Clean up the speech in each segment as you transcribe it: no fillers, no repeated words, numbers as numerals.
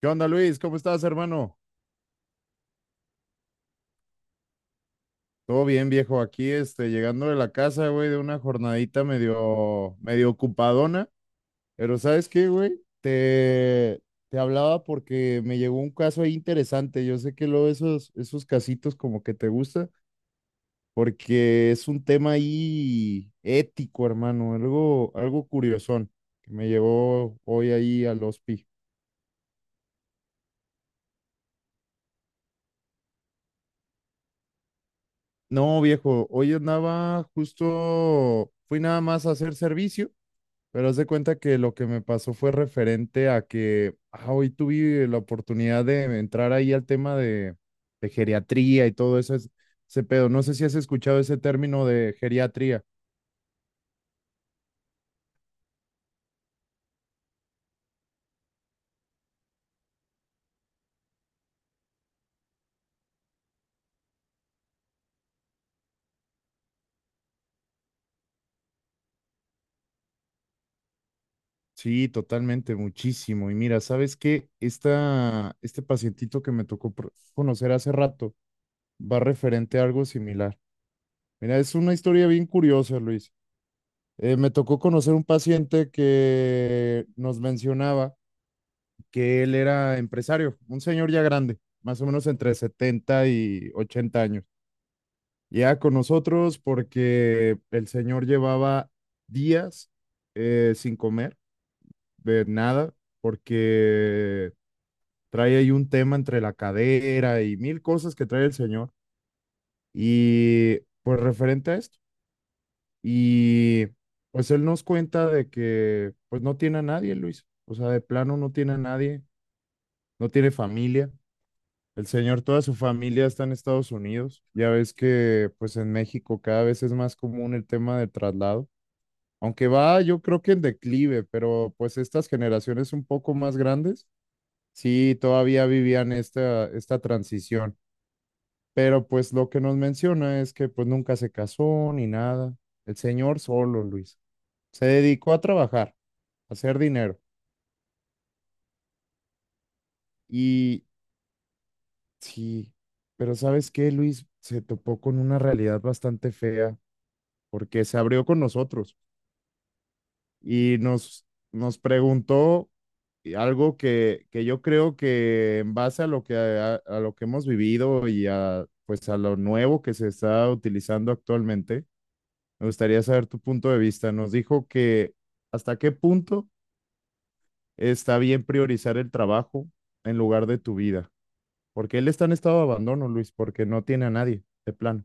¿Qué onda, Luis? ¿Cómo estás, hermano? Todo bien, viejo. Aquí, este, llegando de la casa, güey, de una jornadita medio, medio ocupadona. Pero ¿sabes qué, güey? Te hablaba porque me llegó un caso ahí interesante. Yo sé que luego esos casitos como que te gusta, porque es un tema ahí ético, hermano. Algo curiosón que me llegó hoy ahí al hospi. No, viejo, hoy andaba justo, fui nada más a hacer servicio. Pero haz de cuenta que lo que me pasó fue referente a que ah, hoy tuve la oportunidad de entrar ahí al tema de geriatría y todo eso, ese pedo. No sé si has escuchado ese término de geriatría. Sí, totalmente, muchísimo. Y mira, ¿sabes qué? Este pacientito que me tocó conocer hace rato va referente a algo similar. Mira, es una historia bien curiosa, Luis. Me tocó conocer un paciente que nos mencionaba, que él era empresario, un señor ya grande, más o menos entre 70 y 80 años. Ya con nosotros porque el señor llevaba días sin comer, de nada, porque trae ahí un tema entre la cadera y mil cosas que trae el señor. Y pues referente a esto. Y pues él nos cuenta de que pues no tiene a nadie, Luis. O sea, de plano no tiene a nadie, no tiene familia. El señor, toda su familia está en Estados Unidos. Ya ves que pues en México cada vez es más común el tema del traslado, aunque va yo creo que en declive, pero pues estas generaciones un poco más grandes sí todavía vivían esta transición. Pero pues lo que nos menciona es que pues nunca se casó ni nada. El señor solo, Luis. Se dedicó a trabajar, a hacer dinero. Y sí, pero ¿sabes qué, Luis? Se topó con una realidad bastante fea porque se abrió con nosotros y nos preguntó algo que yo creo que en base a lo que, a lo que hemos vivido y a, pues a lo nuevo que se está utilizando actualmente, me gustaría saber tu punto de vista. Nos dijo que hasta qué punto está bien priorizar el trabajo en lugar de tu vida, porque él está en estado de abandono, Luis, porque no tiene a nadie, de plano.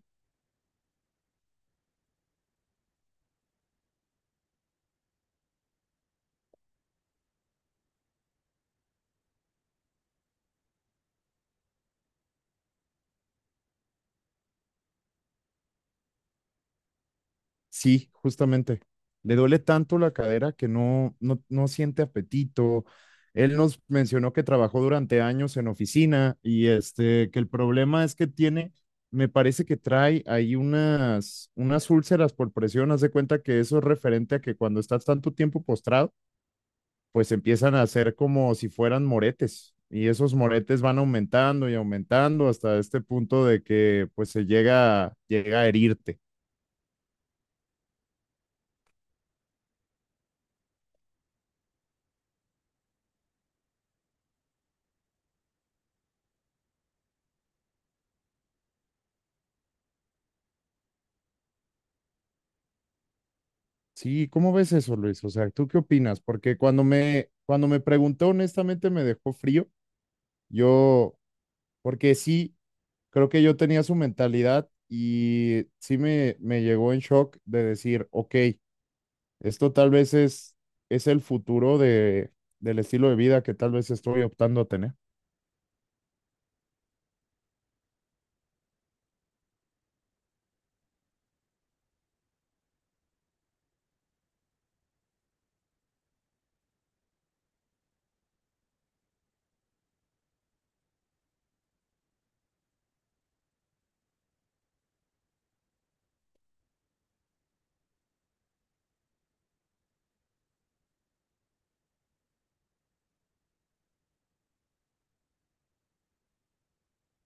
Sí, justamente. Le duele tanto la cadera que no, no, no siente apetito. Él nos mencionó que trabajó durante años en oficina y este, que el problema es que tiene, me parece que trae ahí unas úlceras por presión. Haz de cuenta que eso es referente a que cuando estás tanto tiempo postrado, pues empiezan a hacer como si fueran moretes y esos moretes van aumentando y aumentando hasta este punto de que pues llega a herirte. Sí, ¿cómo ves eso, Luis? O sea, ¿tú qué opinas? Porque cuando me preguntó, honestamente me dejó frío. Yo, porque sí, creo que yo tenía su mentalidad y sí me llegó en shock de decir, ok, esto tal vez es, es el futuro del estilo de vida que tal vez estoy optando a tener.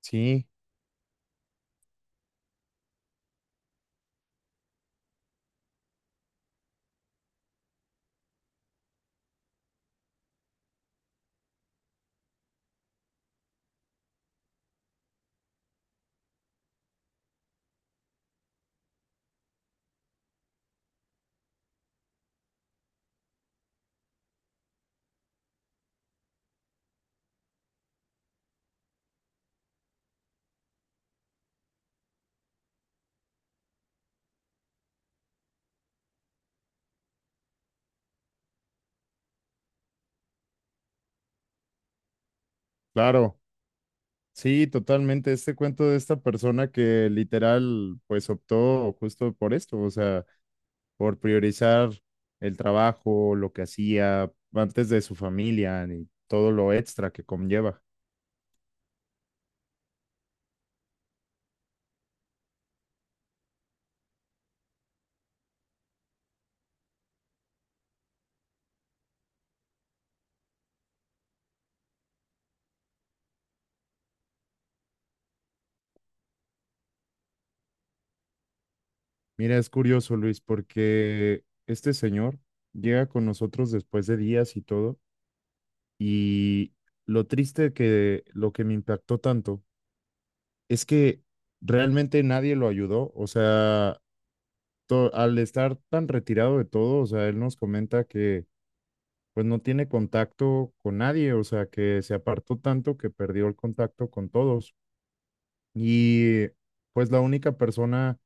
Sí, claro. Sí, totalmente. Este cuento de esta persona que literal, pues optó justo por esto. O sea, por priorizar el trabajo, lo que hacía antes de su familia y todo lo extra que conlleva. Mira, es curioso, Luis, porque este señor llega con nosotros después de días y todo, y lo triste que lo que me impactó tanto es que realmente nadie lo ayudó. O sea, al estar tan retirado de todo, o sea, él nos comenta que pues no tiene contacto con nadie, o sea, que se apartó tanto que perdió el contacto con todos. Y pues la única persona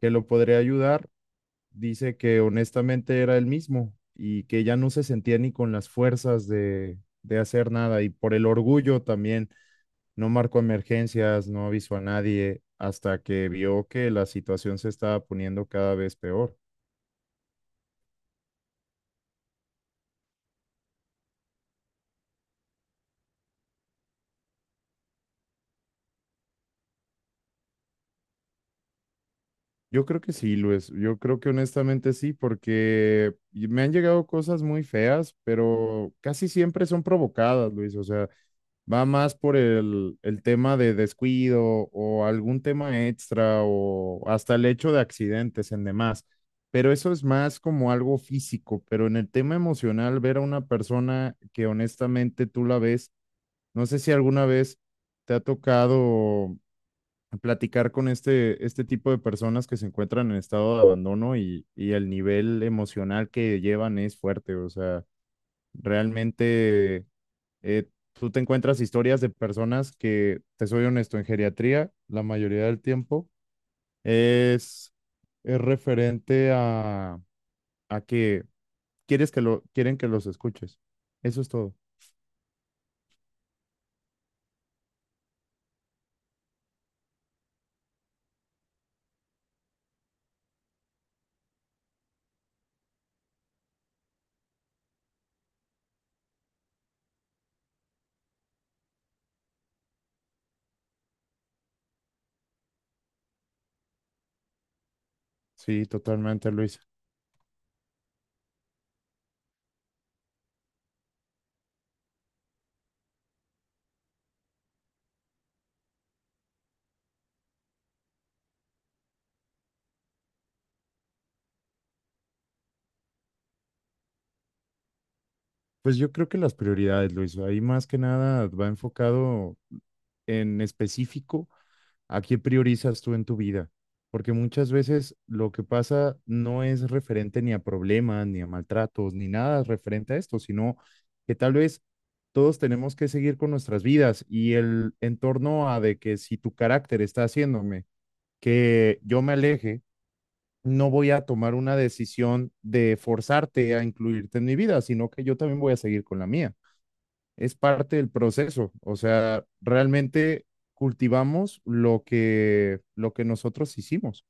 que lo podría ayudar dice que honestamente era él mismo y que ya no se sentía ni con las fuerzas de hacer nada y por el orgullo también no marcó emergencias, no avisó a nadie hasta que vio que la situación se estaba poniendo cada vez peor. Yo creo que sí, Luis, yo creo que honestamente sí, porque y me han llegado cosas muy feas, pero casi siempre son provocadas, Luis. O sea, va más por el tema de descuido o algún tema extra o hasta el hecho de accidentes en demás. Pero eso es más como algo físico, pero en el tema emocional, ver a una persona que honestamente tú la ves, no sé si alguna vez te ha tocado platicar con este tipo de personas que se encuentran en estado de abandono, y el nivel emocional que llevan es fuerte. O sea, realmente eh, tú te encuentras historias de personas que, te soy honesto, en geriatría, la mayoría del tiempo, es, es referente a que quieren que los escuches. Eso es todo. Sí, totalmente, Luisa. Pues yo creo que las prioridades, Luisa, ahí más que nada va enfocado en específico. ¿A qué priorizas tú en tu vida? Porque muchas veces lo que pasa no es referente ni a problemas, ni a maltratos, ni nada referente a esto, sino que tal vez todos tenemos que seguir con nuestras vidas y el entorno a de que si tu carácter está haciéndome que yo me aleje, no voy a tomar una decisión de forzarte a incluirte en mi vida, sino que yo también voy a seguir con la mía, es parte del proceso. O sea, realmente cultivamos lo que nosotros hicimos.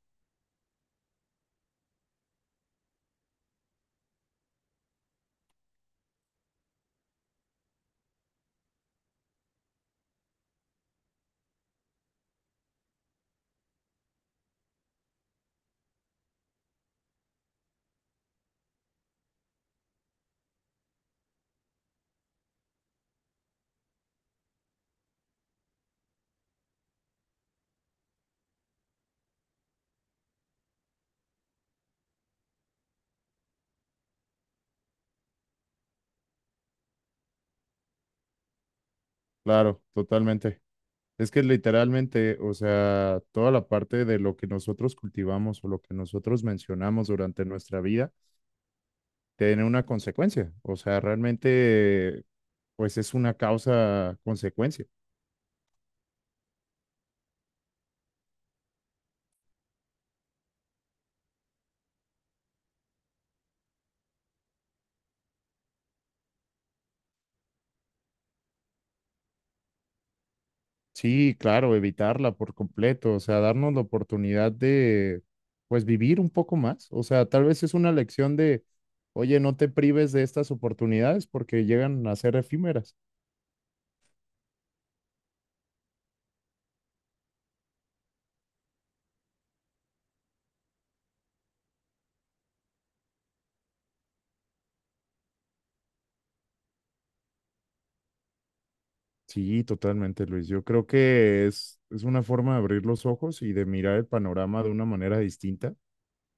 Claro, totalmente. Es que literalmente, o sea, toda la parte de lo que nosotros cultivamos o lo que nosotros mencionamos durante nuestra vida tiene una consecuencia. O sea, realmente, pues es una causa-consecuencia. Sí, claro, evitarla por completo. O sea, darnos la oportunidad de, pues, vivir un poco más. O sea, tal vez es una lección de, oye, no te prives de estas oportunidades porque llegan a ser efímeras. Sí, totalmente, Luis. Yo creo que es una forma de abrir los ojos y de mirar el panorama de una manera distinta,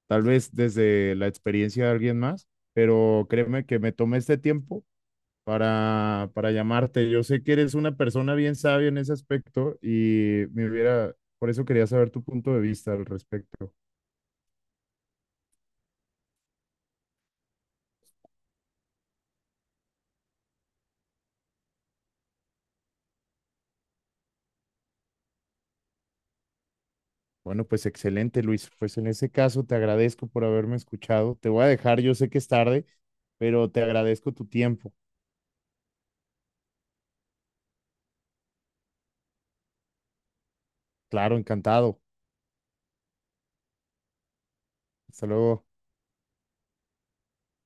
tal vez desde la experiencia de alguien más, pero créeme que me tomé este tiempo para llamarte. Yo sé que eres una persona bien sabia en ese aspecto y me hubiera, por eso quería saber tu punto de vista al respecto. Bueno, pues excelente, Luis. Pues en ese caso te agradezco por haberme escuchado. Te voy a dejar, yo sé que es tarde, pero te agradezco tu tiempo. Claro, encantado. Hasta luego.